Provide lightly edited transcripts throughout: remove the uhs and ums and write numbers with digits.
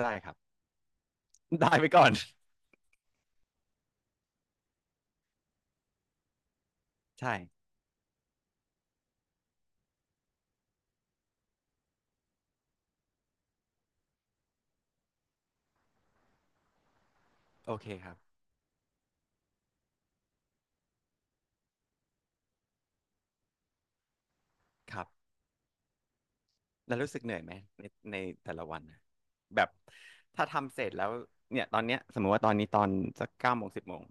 ได้ครับ ได้ไปก่อน ใช่โอเคครับครับแล้วรู้สึกเหนื่อยไหมในในแต่ละวันน่ะแบบถ้าทำเสร็จแล้วเนี่ยตอนเนี้ยสมมติว่าตอนนี้ตอนสักเก้าโมงสิบโมง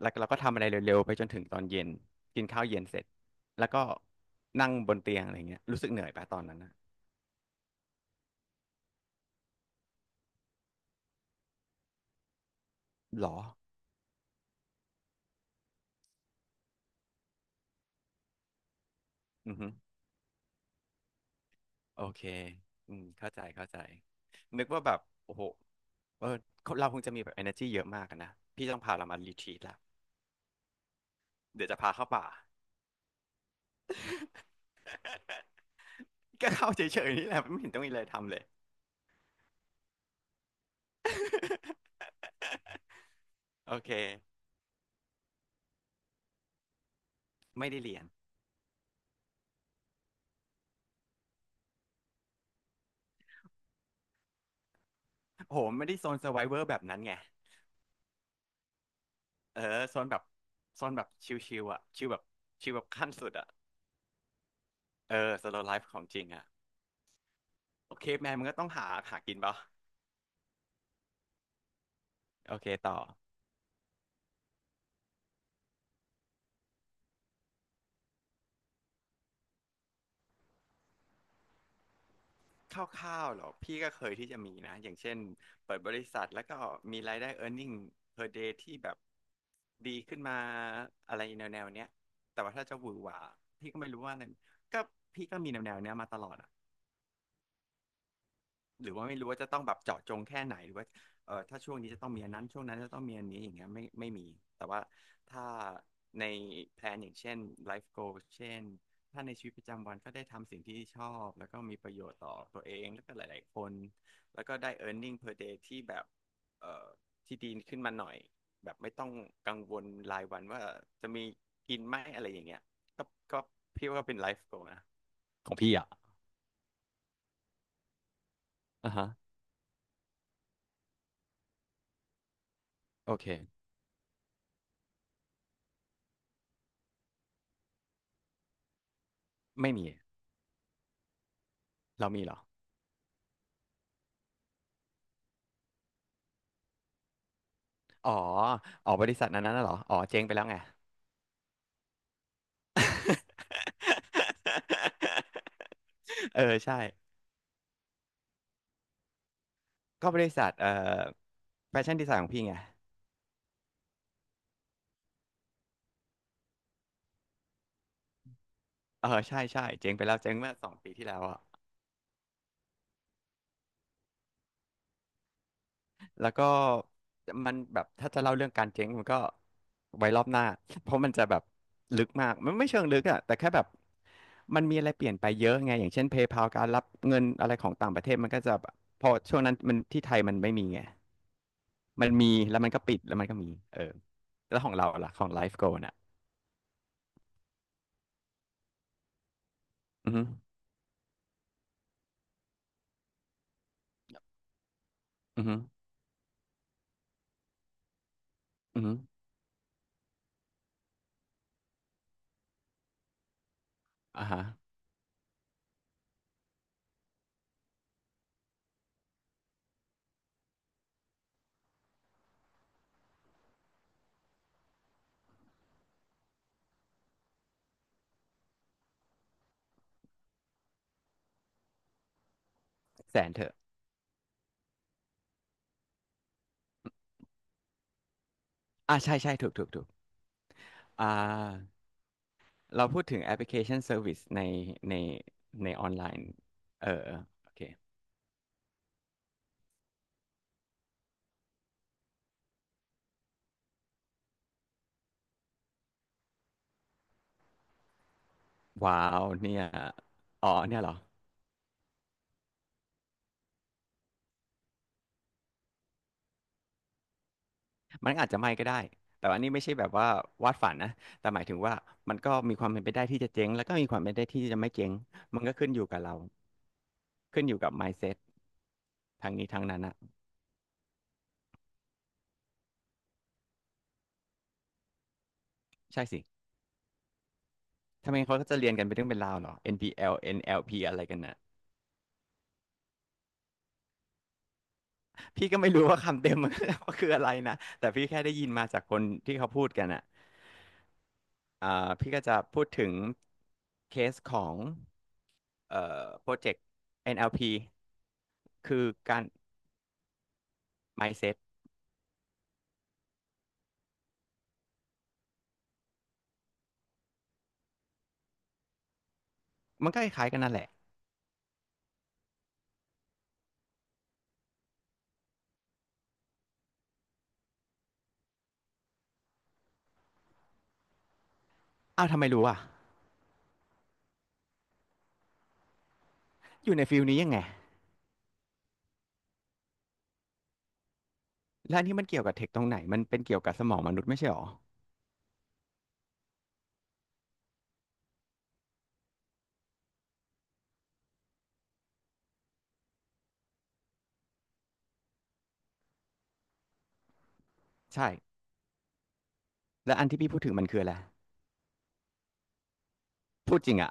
แล้วเราก็ทำอะไรเร็วๆไปจนถึงตอนเย็นกินข้าวเย็นเสร็จแล้วก็นั่งบนเตียงอะไรเงี้ยรู้สึกเหนื่อยปะตอนนั้นนะหรออือฮึโอเคอืมเข้าใจเข้าใจนึกว่าแบบโอ้โหเออเราคงจะมีแบบ energy เยอะมากอะนะพี่ต้องพาเรามารีทรีตละเดี๋ยวจะพาเข้าป่า ก็เข้าเฉยๆนี่แหละไม่เห็นต้องมีอะไรทำเลย โอเคไม่ได้เรียนโหไม่ได้โซน s u r v i เวอร์แบบนั้นไงเออโซนแบบโซนแบบชิวๆอ่ะชิวแบบชิวแบบขั้นสุดอ่ะเออสโลว์ไลฟ์ของจริงอ่ะโอเคแมนมันก็ต้องหาหากินปะโอเคต่อ คร่าวๆหรอพี่ก็เคยที่จะมีนะอย่างเช่นเปิดบริษัทแล้วก็มีรายได้ earning per day ที่แบบดีขึ้นมาอะไรแนวๆเนี้ยแต่ว่าถ้าจะหวือหวาพี่ก็ไม่รู้ว่าอะไรก็พี่ก็มีแนวๆเนี้ยมาตลอด หรือว่าไม่รู้ว่าจะต้องแบบเจาะจงแค่ไหนหรือว่าเออถ้าช่วงนี้จะต้องมีอันนั้นช่วงนั้นจะต้องมีอันนี้อย่างเงี้ยไม่ไม่มีแต่ว่าถ้าในแพลนอย่างเช่นไลฟ์โกเช่นถ้าในชีวิตประจำวันก็ได้ทำสิ่งที่ชอบแล้วก็มีประโยชน์ต่อตัวเองแล้วก็หลายๆคนแล้วก็ได้ earning per day ที่แบบเอ่อที่ดีขึ้นมาหน่อยแบบไม่ต้องกังวลรายวันว่าจะมีกินไหมอะไรอย่างเงี้ยก็ก็พี่ว่าเป็นไลฟ์โกนะของพี่อ่ะอ่าฮะโอเคไม่มีเรามีเหรอ อ๋ออ๋อบริษัทนั้นน่ะเหรออ๋อเจ๊งไปแล้วไง เออใช่ก็บริษัทแฟชั่นดีไซน์ของพี่ไงเออใช่ใช่เจ๊งไปแล้วเจ๊งเมื่อสองปีที่แล้วอะแล้วก็มันแบบถ้าจะเล่าเรื่องการเจ๊งมันก็ไว้รอบหน้าเพราะมันจะแบบลึกมากมันไม่เชิงลึกอะแต่แค่แบบมันมีอะไรเปลี่ยนไปเยอะไงอย่างเช่น PayPal การรับเงินอะไรของต่างประเทศมันก็จะแบบพอช่วงนั้นมันที่ไทยมันไม่มีไง มันมีแล้วมันก็ปิดแล้วมันก็มีเออแล้วของเราล่ะของไลฟ์โกลน่ะอือฮึอือฮึอือฮึอ่าฮะแสนเถอะอ่าใช่ใช่ถูกถูกถูกอ่าเราพูดถึงแอปพลิเคชันเซอร์วิสในในในออนไลน์เออโอเคว้าวเนี่ยอ๋อเนี่ยเหรอมันอาจจะไม่ก็ได้แต่ว่าอันนี้ไม่ใช่แบบว่าวาดฝันนะแต่หมายถึงว่ามันก็มีความเป็นไปได้ที่จะเจ๊งแล้วก็มีความเป็นไปได้ที่จะไม่เจ๊งมันก็ขึ้นอยู่กับเราขึ้นอยู่กับ mindset ทางนี้ทางนั้นนะใช่สิ ทำไมเขาก็จะเรียนกันเป็นเรื่องเป็นราวเหรอ NPL NLP อลเอ็นแอลพีอะไรกันน่ะพี่ก็ไม่รู้ว่าคำเต็ม มัน ว่าคืออะไรนะ แต่พี่แค่ได้ยินมาจากคนที่เขาพูดกันอ่ะอ่าพี่ก็จะพูดถึงเคสของโปรเจกต์ NLP คือการ mindset มันก็คล้ายๆกันนั่นแหละ อ้าวทำไมรู้อ่ะ อยู่ในฟิลนี้ยังไง แล้วอันที่มันเกี่ยวกับเทคตรงไหน มันเป็นเกี่ยวกับสมองมนุษย์ไม่ใช่หรอใช่แล้วอันที่พี่พูดถึงมันคืออะไรพูดจริงอ่ะ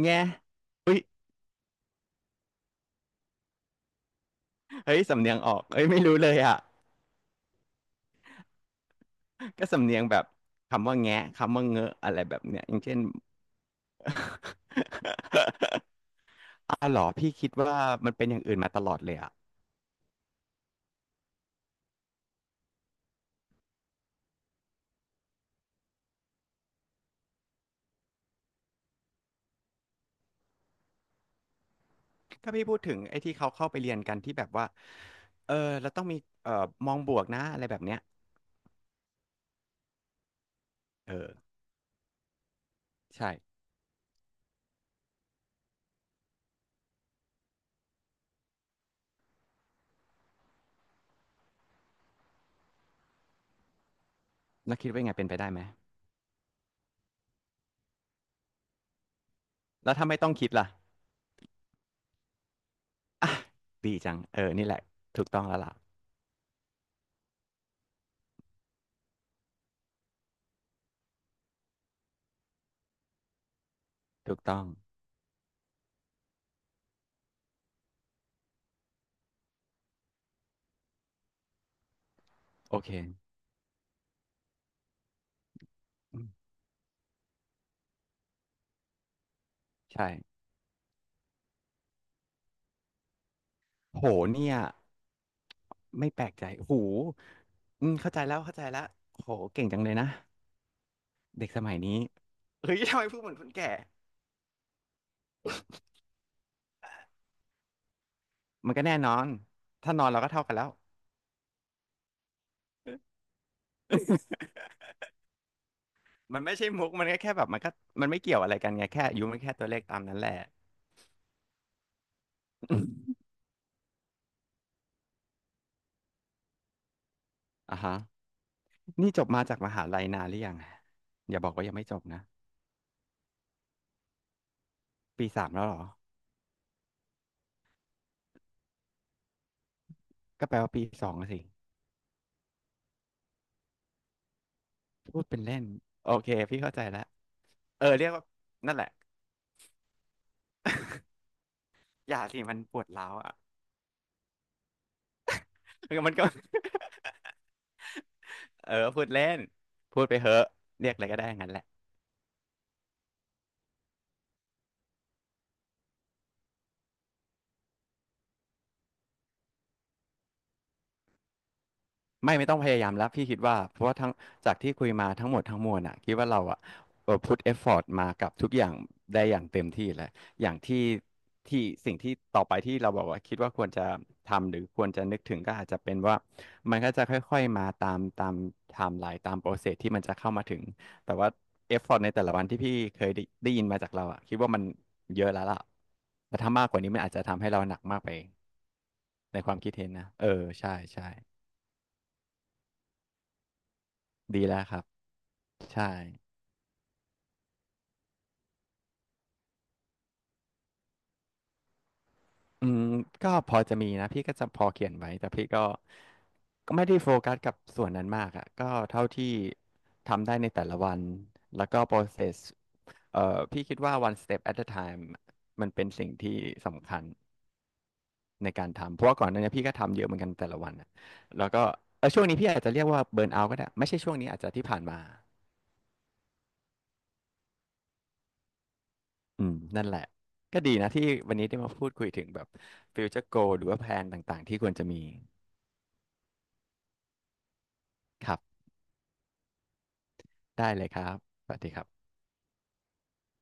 แง่เฮ้ยเฮ้ยสำเนียงออกเฮ้ยไม่รู้เลยอ่ะ ก็สำเนียงแบบคำว่าแงะคำว่าเงอะอะไรแบบเนี้ยอย่างเช่น อ้าวเหรอพี่คิดว่ามันเป็นอย่างอื่นมาตลอดเลยอะถ้าพี่พูดถึงไอ้ที่เขาเข้าไปเรียนกันที่แบบว่าเออเราต้องมีเอ่อมองบวกนะอะไรแบบเนี้ยเออใช่แล้วคิดว่าไงเป็นไปได้ไหมแล้วถ้าไม่ต้องคิดล่ะอ่ะดีจังเออนี่แหละถูกต้องแล้วล่ะถูกต้องโอเคอืมใช่โหเนี่ยไม่แปลกใจหูอืมเข้าใจแล้วเข้าใจแล้วโหเก่งจังเลยนะ เด็กสมัยนี้เฮ้ยทำไมพูดเหมือนคนแก่มันก็แน่นอนถ้านอนเราก็เท่ากันแล้วมันไม่ใช่มุกมันก็แค่แบบมันก็มันไม่เกี่ยวอะไรกันไงแค่อายุมันแค่ตัวเลขตามนั้นแหละ อ่ะฮะนี่จบมาจากมหาลัยนานหรือยังอย่าบอกว่ายังไม่จบนะปีสามแล้วเหรอก็แปลว่าปีสองะสิพูดเป็นเล่นโอเคพี่เข้าใจแล้วเออเรียกว่านั่นแหละอย่าสิมันปวดร้าวอ่ะ มันก็ เออพูดเล่นพูดไปเหอะเรียกอะไรก็ได้งั้นแหละ ไม่ไม่ต้องพยายามแล้วพี่คิดว่าเพราะว่าทั้งจากที่คุยมาทั้งหมดทั้งมวลอ่ะคิดว่าเราอ่ะเออพุทเอฟฟอร์ตมากับทุกอย่างได้อย่างเต็มที่แหล้วอย่างที่ที่สิ่งที่ต่อไปที่เราบอกว่าคิดว่าควรจะทำหรือควรจะนึกถึงก็อาจจะเป็นว่ามันก็จะค่อยๆมาตามตามไทม์ไลน์ตามโปรเซสที่มันจะเข้ามาถึงแต่ว่าเอฟฟอร์ตในแต่ละวันที่พี่เคยได้ได้ยินมาจากเราอ่ะคิดว่ามันเยอะแล้วล่ะแต่ถ้ามากกว่านี้มันอาจจะทำให้เราหนักมากไปในความคิดเห็นนะเออใช่ใช่ดีแล้วครับ ใช่อืมก็พอจะมีนะ พี่ก็จะพอเขียนไว้ แต่พี่ก็ก็ไม่ได้โฟกัสกับส่วนนั้นมากอะก็เท่าที่ทำได้ในแต่ละวัน แล้วก็ process พี่คิดว่า one step at a time มันเป็นสิ่งที่สำคัญในการทำ เพราะว่าก่อนหน้านี้พี่ก็ทำเยอะเหมือนกันแต่ละวันอะแล้วก็เออช่วงนี้พี่อาจจะเรียกว่าเบิร์นเอาท์ก็ได้ ไม่ใช่ช่วงนี้อาจจะที่ผ่านมาอืมนั่นแหละ ก็ดีนะที่วันนี้ได้มาพูดคุยถึงแบบ future goal หรือว่าแผนต่างๆที่ควรจะมีครับ ได้เลยครับสวัสดีครับ